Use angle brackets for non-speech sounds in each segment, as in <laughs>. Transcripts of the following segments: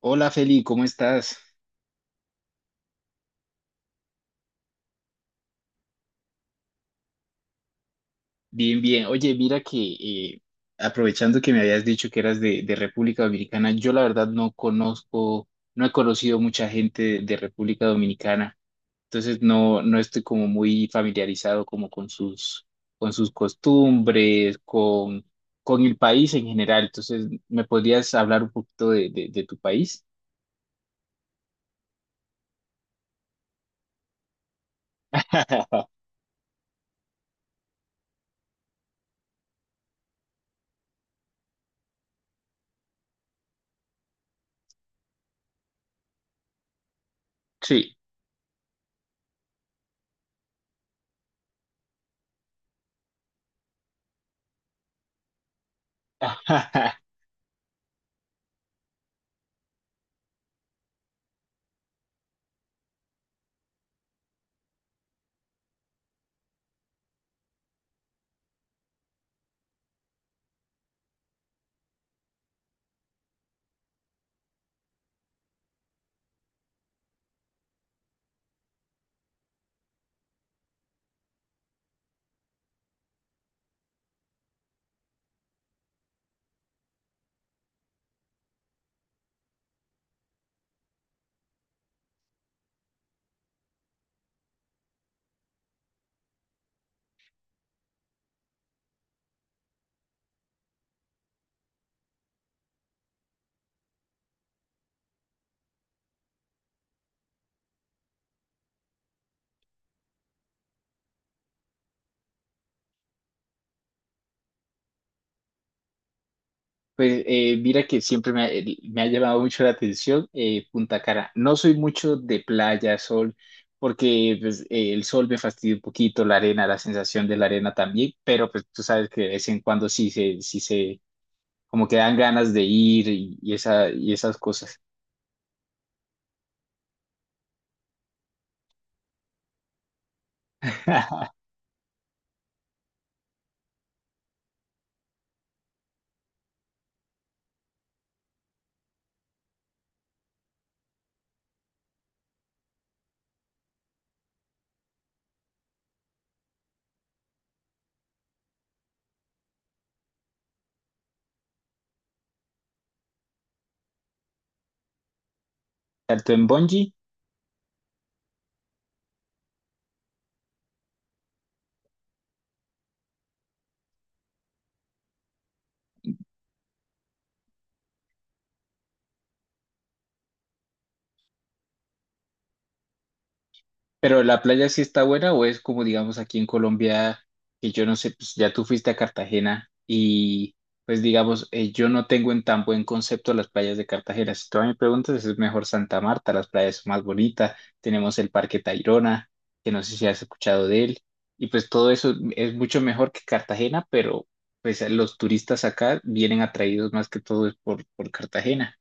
Hola Feli, ¿cómo estás? Bien, bien. Oye, mira que aprovechando que me habías dicho que eras de República Dominicana, yo la verdad no conozco, no he conocido mucha gente de República Dominicana, entonces no estoy como muy familiarizado como con sus costumbres, con el país en general. Entonces, ¿me podrías hablar un poquito de tu país? <laughs> Sí. <laughs> Pues mira que siempre me ha, me ha llamado mucho la atención Punta Cana. No soy mucho de playa, sol, porque pues, el sol me fastidia un poquito, la arena, la sensación de la arena también, pero pues tú sabes que de vez en cuando sí se, como que dan ganas de ir y esa, y esas cosas. <laughs> ¿Salto en bungee? Pero la playa sí está buena o es como digamos aquí en Colombia, que yo no sé, pues ya tú fuiste a Cartagena y pues digamos, yo no tengo en tan buen concepto las playas de Cartagena. Si tú a mí me preguntas, es mejor Santa Marta, las playas son más bonitas, tenemos el Parque Tayrona, que no sé si has escuchado de él, y pues todo eso es mucho mejor que Cartagena, pero pues los turistas acá vienen atraídos más que todo es por Cartagena.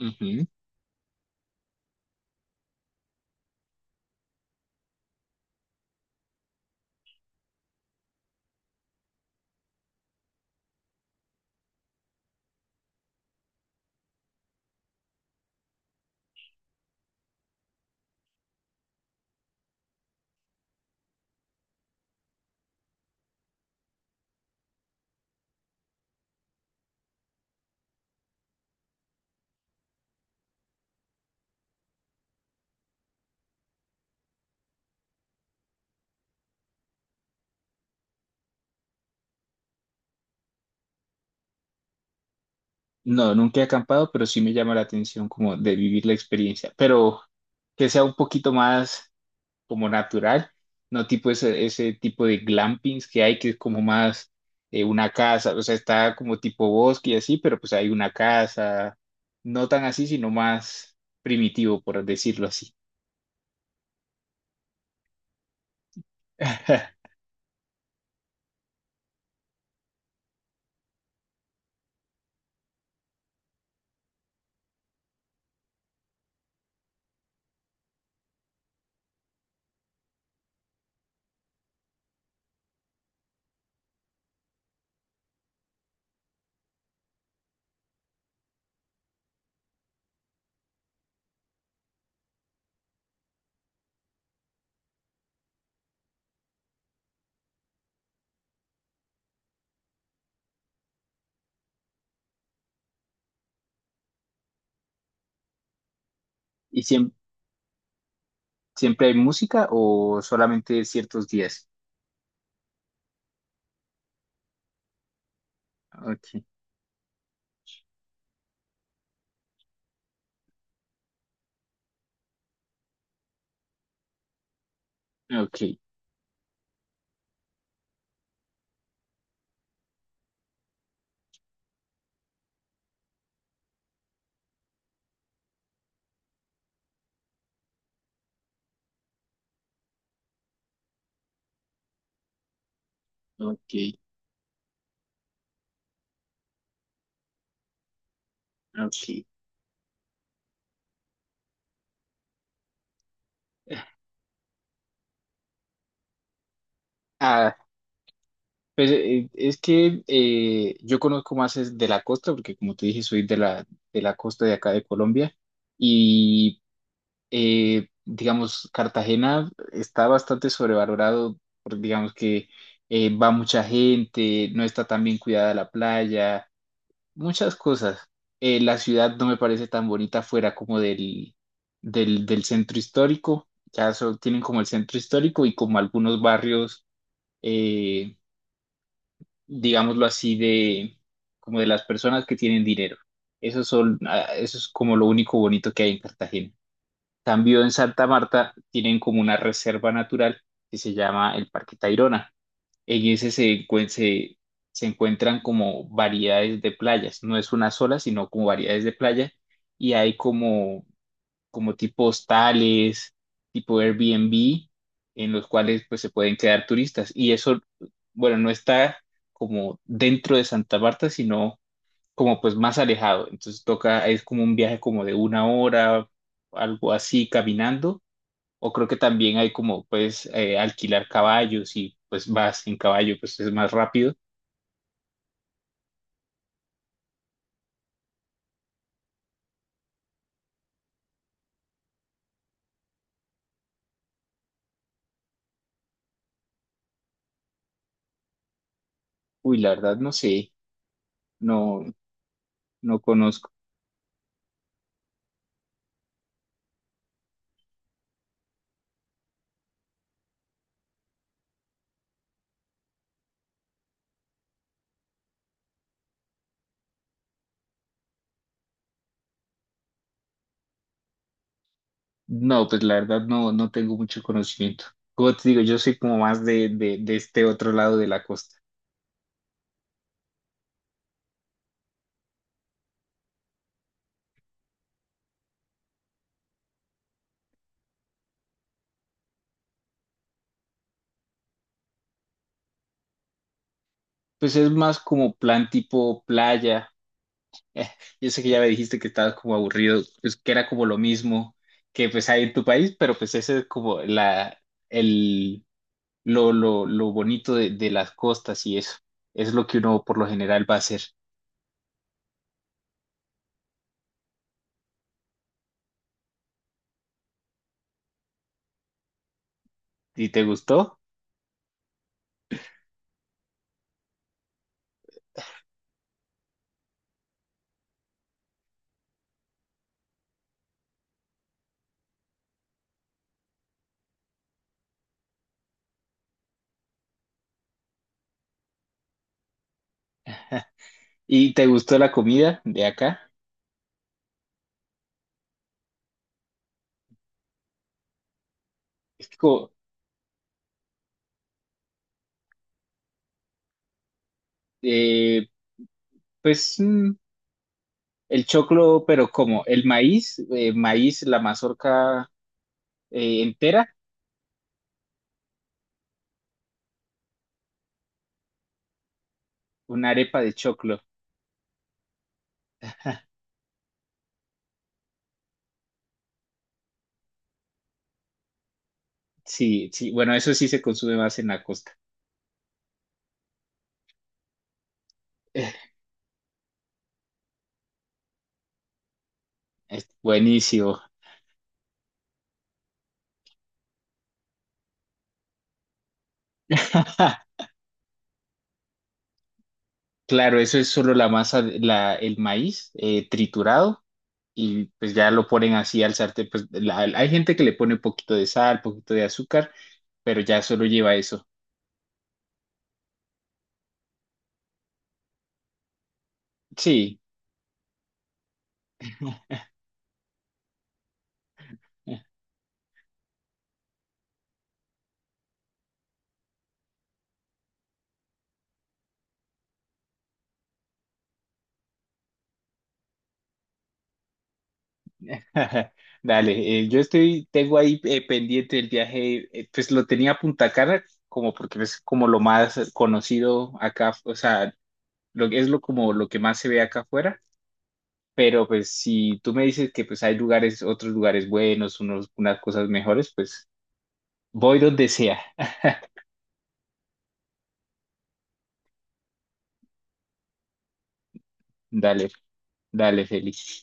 Ujú. No, nunca he acampado, pero sí me llama la atención como de vivir la experiencia, pero que sea un poquito más como natural, no tipo ese tipo de glampings que hay, que es como más una casa, o sea, está como tipo bosque y así, pero pues hay una casa, no tan así, sino más primitivo, por decirlo así. <laughs> ¿Y siem- Siempre hay música o solamente ciertos días? Ok, ok, ok, ok. Ah, pues es que yo conozco más es de la costa, porque como te dije, soy de la costa de acá de Colombia y digamos, Cartagena está bastante sobrevalorado, porque digamos que va mucha gente, no está tan bien cuidada la playa, muchas cosas. La ciudad no me parece tan bonita fuera como del, del centro histórico, ya solo tienen como el centro histórico y como algunos barrios. eh, Digámoslo así, de como de las personas que tienen dinero. Eso son, ah, eso es como lo único bonito que hay en Cartagena. Cambio en Santa Marta tienen como una reserva natural que se llama el Parque Tayrona. En ese se encuentran como variedades de playas. No es una sola, sino como variedades de playa. Y hay como tipo hostales, tipo Airbnb, en los cuales pues se pueden quedar turistas. Y eso, bueno, no está como dentro de Santa Marta, sino como pues más alejado. Entonces toca, es como un viaje como de una hora, algo así, caminando. O creo que también hay como pues alquilar caballos y pues vas en caballo, pues es más rápido. Uy, la verdad no sé, no, no conozco. No, pues la verdad no tengo mucho conocimiento. Como te digo, yo soy como más de este otro lado de la costa. Pues es más como plan tipo playa. Eh, yo sé que ya me dijiste que estabas como aburrido, pues que era como lo mismo que pues hay en tu país, pero pues ese es como la, el, lo bonito de las costas y eso. Es lo que uno por lo general va a hacer. ¿Y te gustó? ¿Y te gustó la comida de acá? Es que como, eh, pues... mm, el choclo, pero como el maíz, maíz, la mazorca entera, una arepa de choclo. Sí, sí, bueno, eso sí se consume más en la costa. Eh, es buenísimo. <laughs> Claro, eso es solo la masa, la, el maíz triturado y pues ya lo ponen así al sartén. Hay gente que le pone un poquito de sal, poquito de azúcar, pero ya solo lleva eso. Sí. <laughs> Dale, yo estoy, tengo ahí pendiente el viaje, pues lo tenía a Punta Cana como porque es como lo más conocido acá, o sea, lo, es lo como lo que más se ve acá afuera, pero pues si tú me dices que pues hay lugares, otros lugares buenos, unos, unas cosas mejores, pues voy donde sea. <laughs> Dale, dale, Feli.